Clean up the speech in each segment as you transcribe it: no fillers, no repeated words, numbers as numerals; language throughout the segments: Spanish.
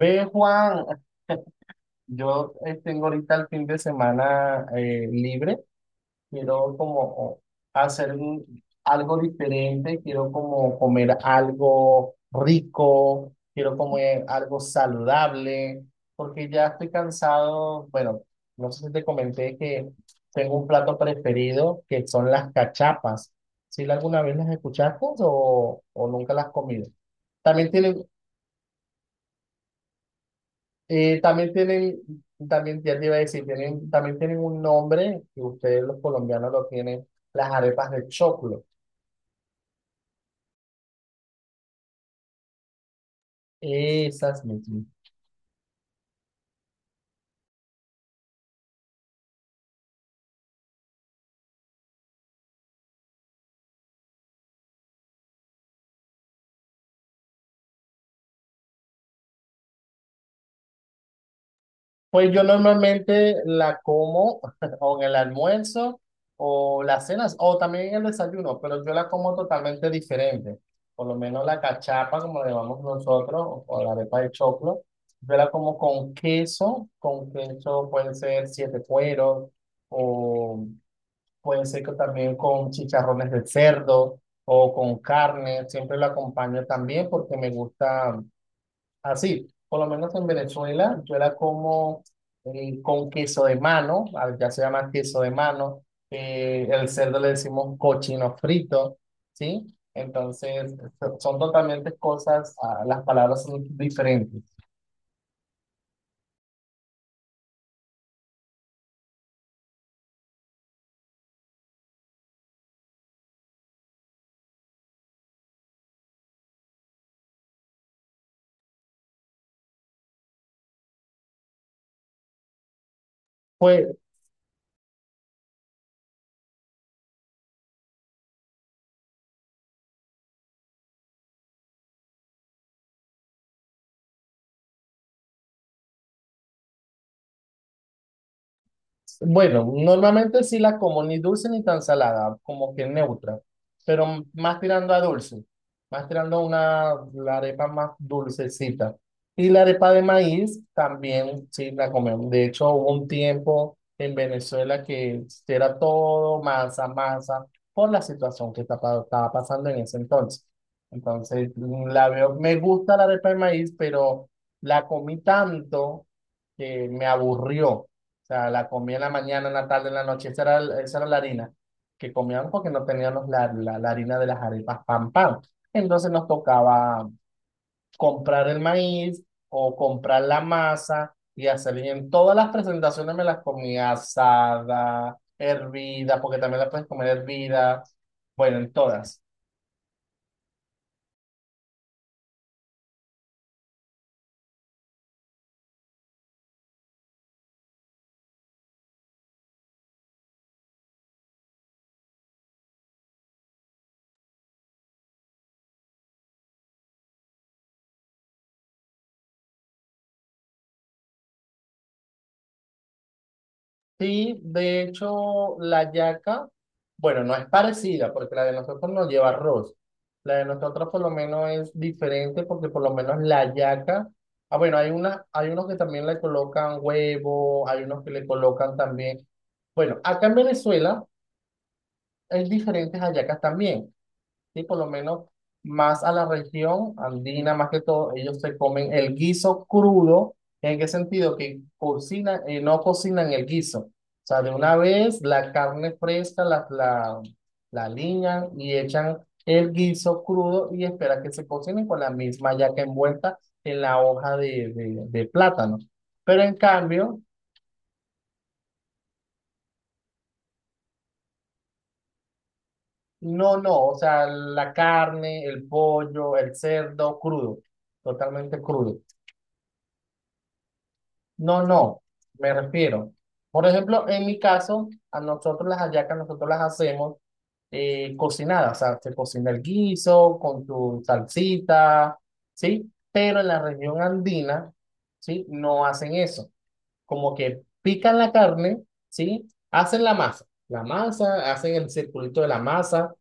Ve, Juan, yo tengo ahorita el fin de semana libre. Quiero como algo diferente. Quiero como comer algo rico. Quiero comer algo saludable. Porque ya estoy cansado. Bueno, no sé si te comenté que tengo un plato preferido que son las cachapas. ¿Si alguna vez las escuchaste o nunca las has comido? También tienen. También tienen, también ya te iba a decir, tienen, también tienen un nombre, que ustedes los colombianos lo tienen, las arepas de choclo. Esas mismas. Pues yo normalmente la como o en el almuerzo o las cenas o también en el desayuno, pero yo la como totalmente diferente. Por lo menos la cachapa, como le llamamos nosotros, o la arepa de choclo, yo la como con queso pueden ser siete cueros o. Puede ser que también con chicharrones de cerdo o con carne, siempre lo acompaño también porque me gusta así. Por lo menos en Venezuela yo la como con queso de mano, ah, ya se llama queso de mano. El cerdo le decimos cochino frito, ¿sí? Entonces son totalmente cosas, ah, las palabras son diferentes. Pues. Bueno, normalmente sí la como ni dulce ni tan salada, como que neutra, pero más tirando a dulce, más tirando a una la arepa más dulcecita. Y la arepa de maíz también sí la comemos. De hecho, hubo un tiempo en Venezuela que era todo masa, masa, por la situación que estaba pasando en ese entonces. Entonces, la veo, me gusta la arepa de maíz, pero la comí tanto que me aburrió. O sea, la comía en la mañana, en la tarde, en la noche. Esa era, esa era la harina que comíamos porque no teníamos la harina de las arepas pan pan. Entonces nos tocaba comprar el maíz o comprar la masa y hacer bien todas las presentaciones, me las comía asada, hervida, porque también las puedes comer hervida. Bueno, en todas. Sí, de hecho, la yaca, bueno, no es parecida porque la de nosotros no lleva arroz. La de nosotros por lo menos es diferente porque por lo menos la yaca, ah, bueno, hay una, hay unos que también le colocan huevo, hay unos que le colocan también, bueno, acá en Venezuela hay diferentes hallacas también. Sí, por lo menos más a la región andina, más que todo, ellos se comen el guiso crudo. ¿En qué sentido? Que cocinan, no cocinan el guiso. O sea, de una vez la carne fresca la aliñan y echan el guiso crudo y esperan que se cocine con la misma yaca envuelta en la hoja de plátano. Pero en cambio, no, no, o sea, la carne, el pollo, el cerdo crudo, totalmente crudo. No, no, me refiero. Por ejemplo, en mi caso, a nosotros las hallacas, nosotros las hacemos cocinadas, o sea, se cocina el guiso con tu salsita, ¿sí? Pero en la región andina, ¿sí? No hacen eso como que pican la carne, ¿sí? Hacen la masa, hacen el circulito de la masa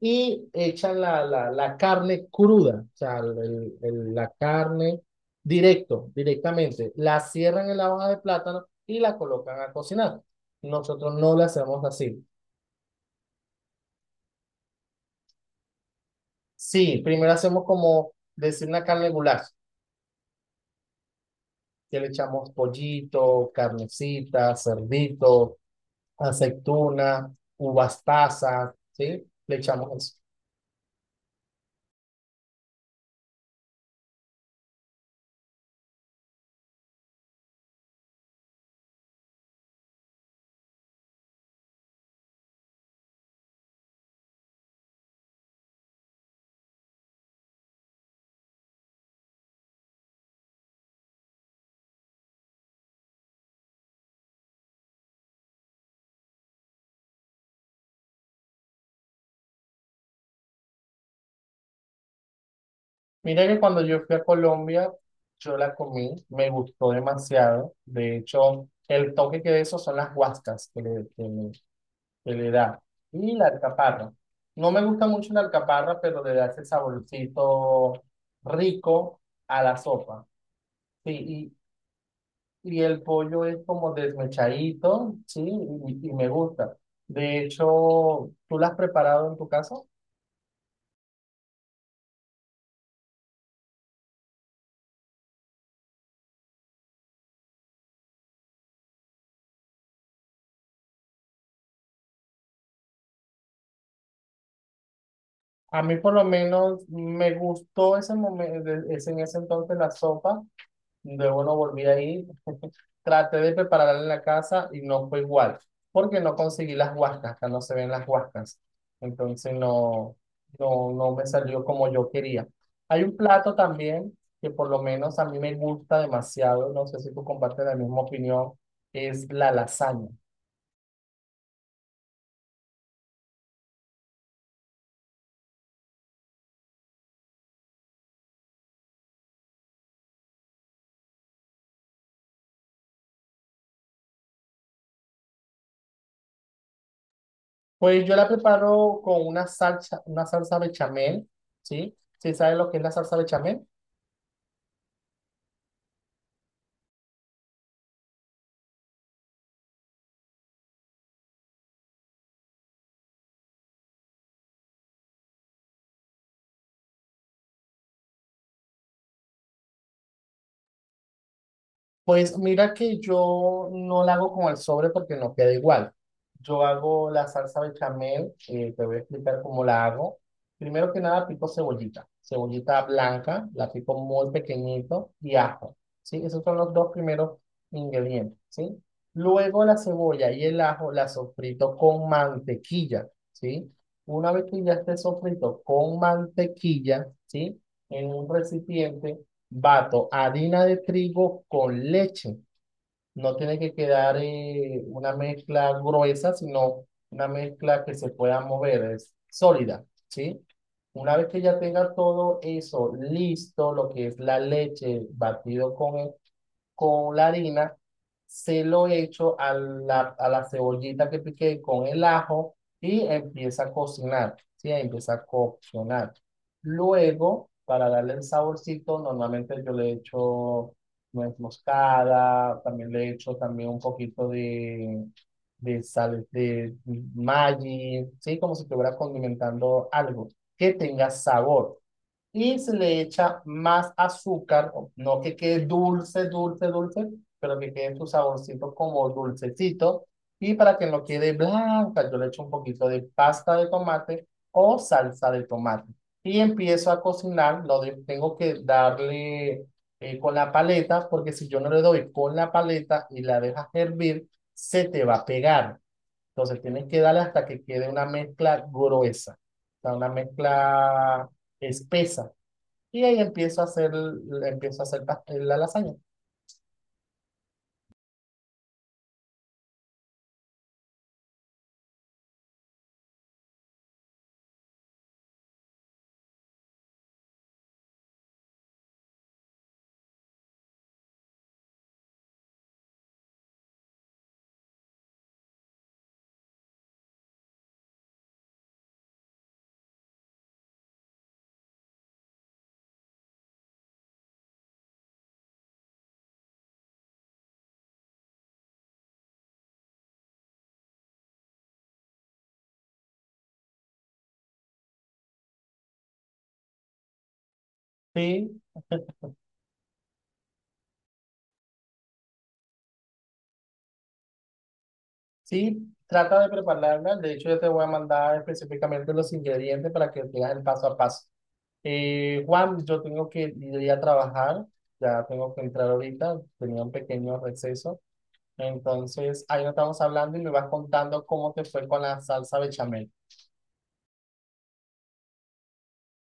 y echan la carne cruda, o sea, la carne directo, directamente. La cierran en la hoja de plátano y la colocan a cocinar. Nosotros no la hacemos así. Sí, primero hacemos como decir una carne goulash, que le echamos pollito, carnecita, cerdito, aceituna, uvas pasas, ¿sí? Le echamos eso. Mira que cuando yo fui a Colombia, yo la comí, me gustó demasiado. De hecho, el toque que de eso son las guascas que le da. Y la alcaparra. No me gusta mucho la alcaparra, pero le da ese saborcito rico a la sopa. Sí, y el pollo es como desmechadito, sí, y me gusta. De hecho, ¿tú la has preparado en tu casa? A mí por lo menos me gustó ese momento, en ese entonces la sopa. Luego no volví ahí. Traté de prepararla en la casa y no fue igual, porque no conseguí las huascas, acá no se ven las huascas. Entonces no, no, no me salió como yo quería. Hay un plato también que por lo menos a mí me gusta demasiado, no sé si tú compartes la misma opinión, es la lasaña. Pues yo la preparo con una salsa bechamel, ¿sí? ¿Sí sabes lo que es la salsa bechamel? Pues mira que yo no la hago con el sobre porque no queda igual. Yo hago la salsa bechamel, te voy a explicar cómo la hago. Primero que nada pico cebollita, cebollita blanca, la pico muy pequeñito y ajo, ¿sí? Esos son los dos primeros ingredientes, ¿sí? Luego la cebolla y el ajo la sofrito con mantequilla, ¿sí? Una vez que ya esté sofrito con mantequilla, ¿sí? En un recipiente. Bato harina de trigo con leche. No tiene que quedar una mezcla gruesa, sino una mezcla que se pueda mover, es sólida, ¿sí? Una vez que ya tenga todo eso listo, lo que es la leche batido con la harina, se lo echo a a la cebollita que piqué con el ajo y empieza a cocinar, ¿sí? Empieza a coccionar. Luego, para darle el saborcito, normalmente yo le echo nuez moscada, también le echo también un poquito de sal, de Maggi, ¿sí? Como si estuviera condimentando algo que tenga sabor y se le echa más azúcar, no que quede dulce, dulce, dulce, pero que quede su saborcito como dulcecito. Y para que no quede blanca, yo le echo un poquito de pasta de tomate o salsa de tomate. Y empiezo a cocinar, tengo que darle con la paleta, porque si yo no le doy con la paleta y la dejas hervir, se te va a pegar. Entonces tienes que darle hasta que quede una mezcla gruesa, o sea, una mezcla espesa. Y ahí empiezo a hacer la lasaña. Sí, sí, trata de prepararla. De hecho, yo te voy a mandar específicamente los ingredientes para que veas el paso a paso. Juan, yo tengo que ir a trabajar, ya tengo que entrar ahorita, tenía un pequeño receso. Entonces, ahí nos estamos hablando y me vas contando cómo te fue con la salsa bechamel.